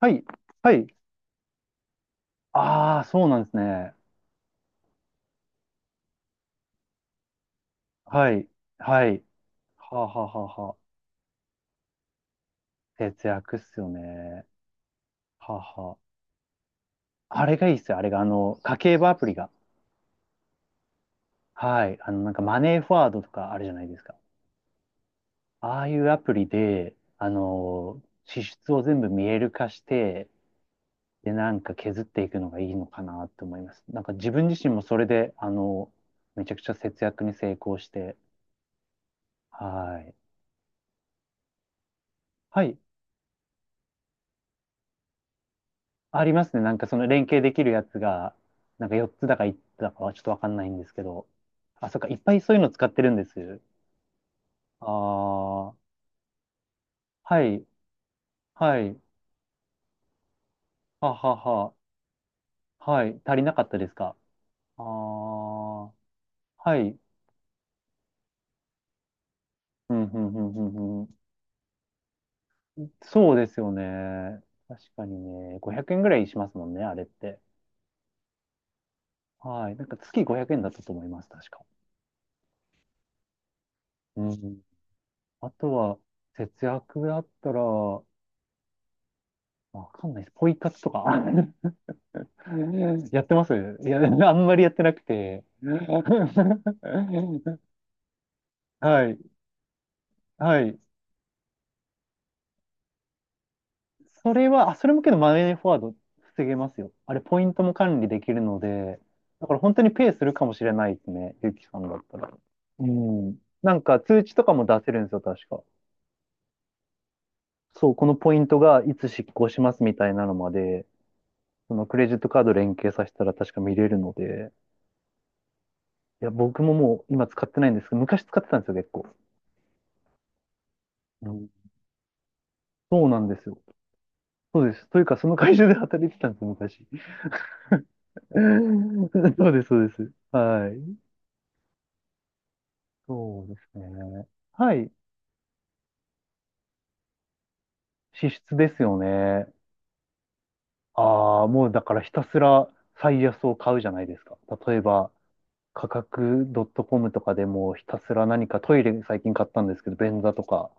はい。はい。ああ、そうなんですね。はい。はい。はあ、はあはあはあ。節約っすよね。はあ、はあ。あれがいいっすよ。あれが、家計簿アプリが。はい。あの、なんかマネーフォワードとかあるじゃないですか。ああいうアプリで、支出を全部見える化して、で、なんか削っていくのがいいのかなって思います。なんか自分自身もそれで、めちゃくちゃ節約に成功して、はい。はい。ありますね。なんかその連携できるやつが、なんか4つだか1つだかはちょっとわかんないんですけど。あ、そっか。いっぱいそういうの使ってるんです。ああ、はい、はい、ははは、はい。足りなかったですか？ああー、はい。うん、うん、うん、うん、うん。そうですよね。確かにね。500円ぐらいしますもんね、あれって。はい。なんか月500円だったと思います、確か。うん。あとは、節約だったら、わかんないです。ポイ活とか。やってます？いや、あんまりやってなくて。はい。はい。それは、あ、それもけどマネーフォワード防げますよ。あれ、ポイントも管理できるので、だから本当にペイするかもしれないですね。ゆきさんだったら。うん。なんか通知とかも出せるんですよ、確か。そう、このポイントがいつ執行しますみたいなのまで、そのクレジットカード連携させたら確か見れるので、いや、僕ももう今使ってないんですけど、昔使ってたんですよ、結構。うん。そうなんですよ。そうです。というか、その会社で働いてたんです、昔。そうです、そうです。はい。そうですね。はい。支出ですよね。ああ、もうだからひたすら最安を買うじゃないですか。例えば、価格 .com とかでもひたすら何かトイレ最近買ったんですけど、便座とか、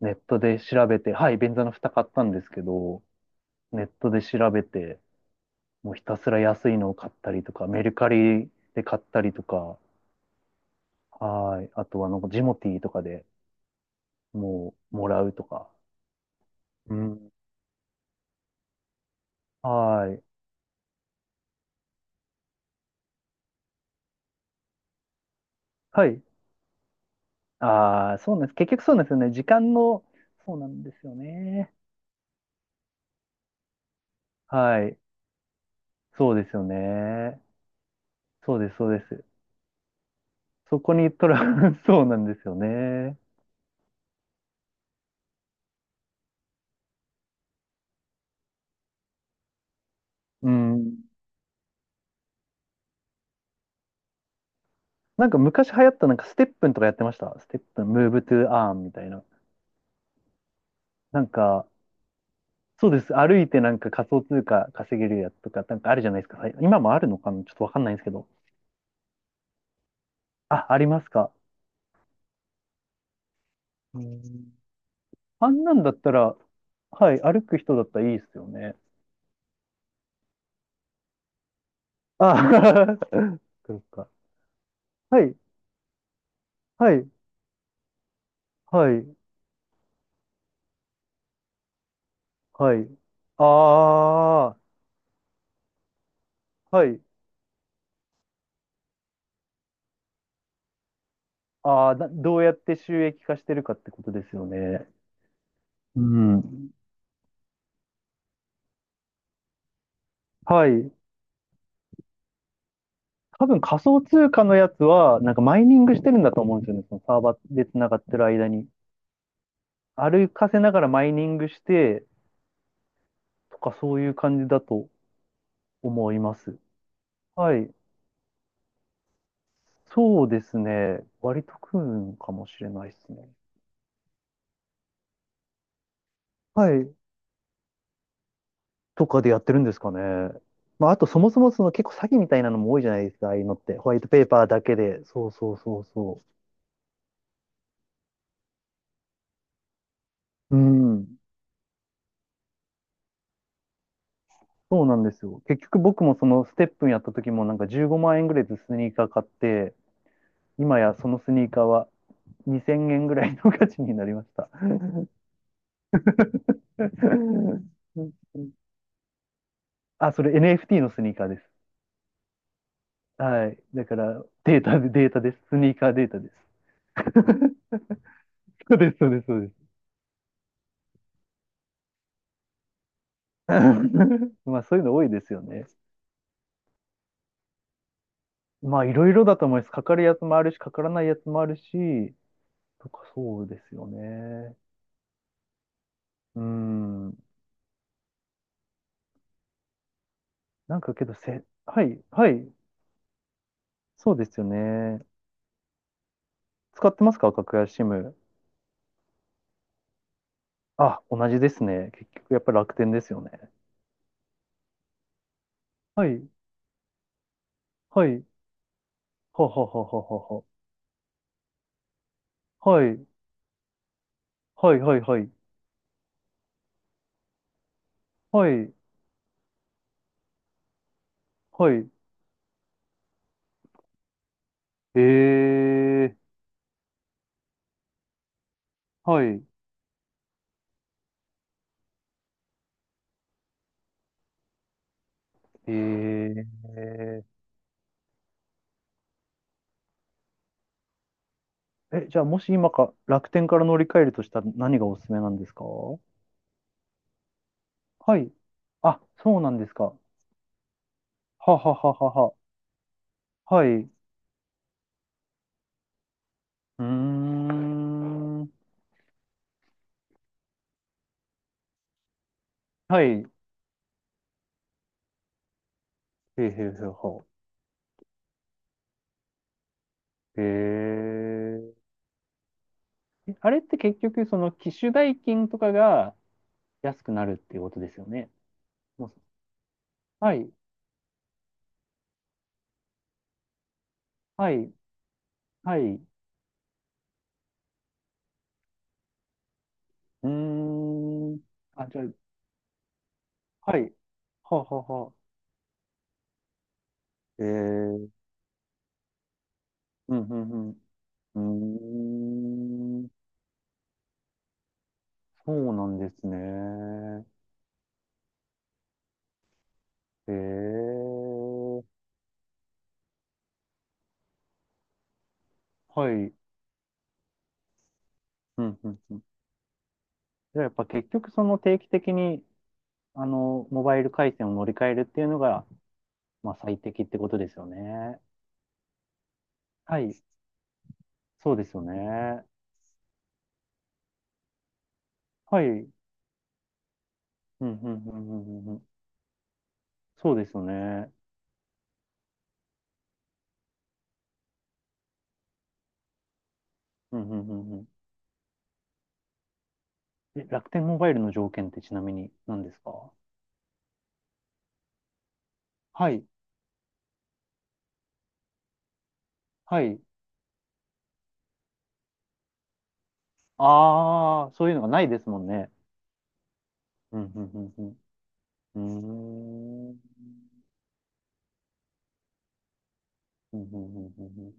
ネットで調べて、はい、便座の蓋買ったんですけど、ネットで調べて、もうひたすら安いのを買ったりとか、メルカリで買ったりとか、はい。あとは、なんか、ジモティーとかでもう、もらうとか。うん。はい。はい。ああ、そうなんです。結局そうなんですよね。時間の、そうなんですよね。はい。そうですよね。そうです、そうです。そこにトラ、そうなんですよね。うん。なんか昔流行ったなんかステップンとかやってました。ステップン、ムーブトゥアーンみたいな。なんか、そうです。歩いてなんか仮想通貨稼げるやつとか、なんかあるじゃないですか。はい、今もあるのかなちょっとわかんないんですけど。あ、ありますか？うん。あんなんだったら、はい、歩く人だったらいいですよね。あ、そっか。はい、はい、はい、はい。ああ、はい。ああ、などうやって収益化してるかってことですよね。うん。はい。多分仮想通貨のやつは、なんかマイニングしてるんだと思うんですよね。そのサーバーで繋がってる間に。歩かせながらマイニングして、とかそういう感じだと思います。はい。そうですね。割と食うんかもしれないですね。はい。とかでやってるんですかね。まあ、あとそもそもその結構詐欺みたいなのも多いじゃないですか、ああいうのって。ホワイトペーパーだけで。そうそうそうそう。うん。そうなんですよ。結局僕もそのステップンやった時もなんか15万円ぐらいでスニーカー買って、今やそのスニーカーは2000円ぐらいの価値になりました。あ、それ NFT のスニーカーです。はい。だからデータで、データです。スニーカーデータです。そうです、そうです、そうです。まあそういうの多いですよね。まあいろいろだと思います。かかるやつもあるし、かからないやつもあるし、とかそうですよね。うん。なんかけどせ、はい、はい、そうですよね。使ってますか？格安 SIM。あ、同じですね。結局やっぱり楽天ですよね。はい、はい、はははははは。はい、はい、はい、はい、はい、はい。えー、はい、えー。え、じゃあもし今か楽天から乗り換えるとしたら何がおすすめなんですか？はい。あ、そうなんですか。はははははは。はい。うーん。はい。へえへえへえは。へえ。えあれって結局その機種代金とかが安くなるっていうことですよね。もうはい。はい。はい。うーん。あ、じゃあ、はい。ははは。へえ。うんうんうん。うーん。そうなんですね。へえ。はい。うん、うん、うん。じゃあやっぱ結局その定期的に、モバイル回線を乗り換えるっていうのが、まあ最適ってことですよね。はい。そうですよね。はい。うん、うん、うん、うん、うん。そうですよね。うん、うん、うん、うん。え、楽天モバイルの条件ってちなみに何ですか？はい。はい。ああ、そういうのがないですもんね。うん、うん、うん、うん。うーん。うんうんうんうんうん。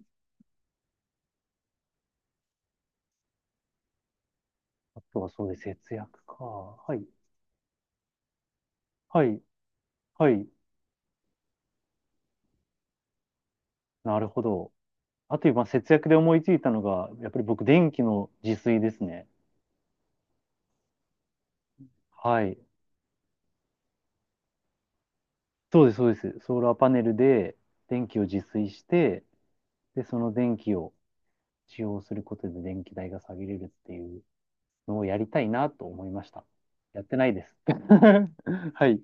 あとはそうです。節約か。はい。はい。はい。なるほど。あと今、節約で思いついたのが、やっぱり僕、電気の自炊ですね。はい。そうです、そうです。ソーラーパネルで電気を自炊して、で、その電気を使用することで電気代が下げれるっていうのをやりたいなと思いました。やってないです。はい。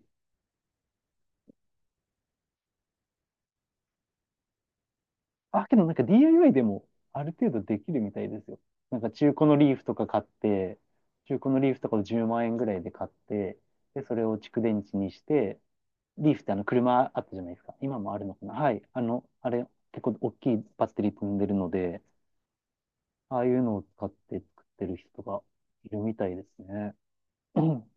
あ、けどなんか DIY でもある程度できるみたいですよ。なんか中古のリーフとか買って、中古のリーフとかを10万円ぐらいで買って、で、それを蓄電池にして、リーフってあの車あったじゃないですか。今もあるのかな。はい。あの、あれ、結構大きいバッテリー積んでるので、ああいうのを使って作ってる人がいるみたいですね。うん。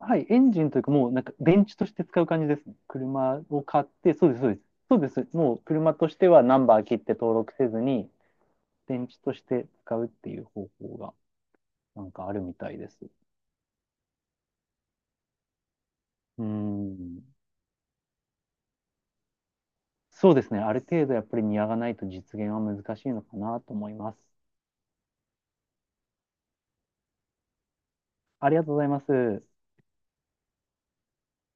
はい。エンジンというかもうなんか電池として使う感じですね。車を買って、そうです、そうです。そうです。もう車としてはナンバー切って登録せずに、電池として使うっていう方法がなんかあるみたいです。うーん。そうですね。ある程度やっぱりニアがないと実現は難しいのかなと思います。ありがとうございます。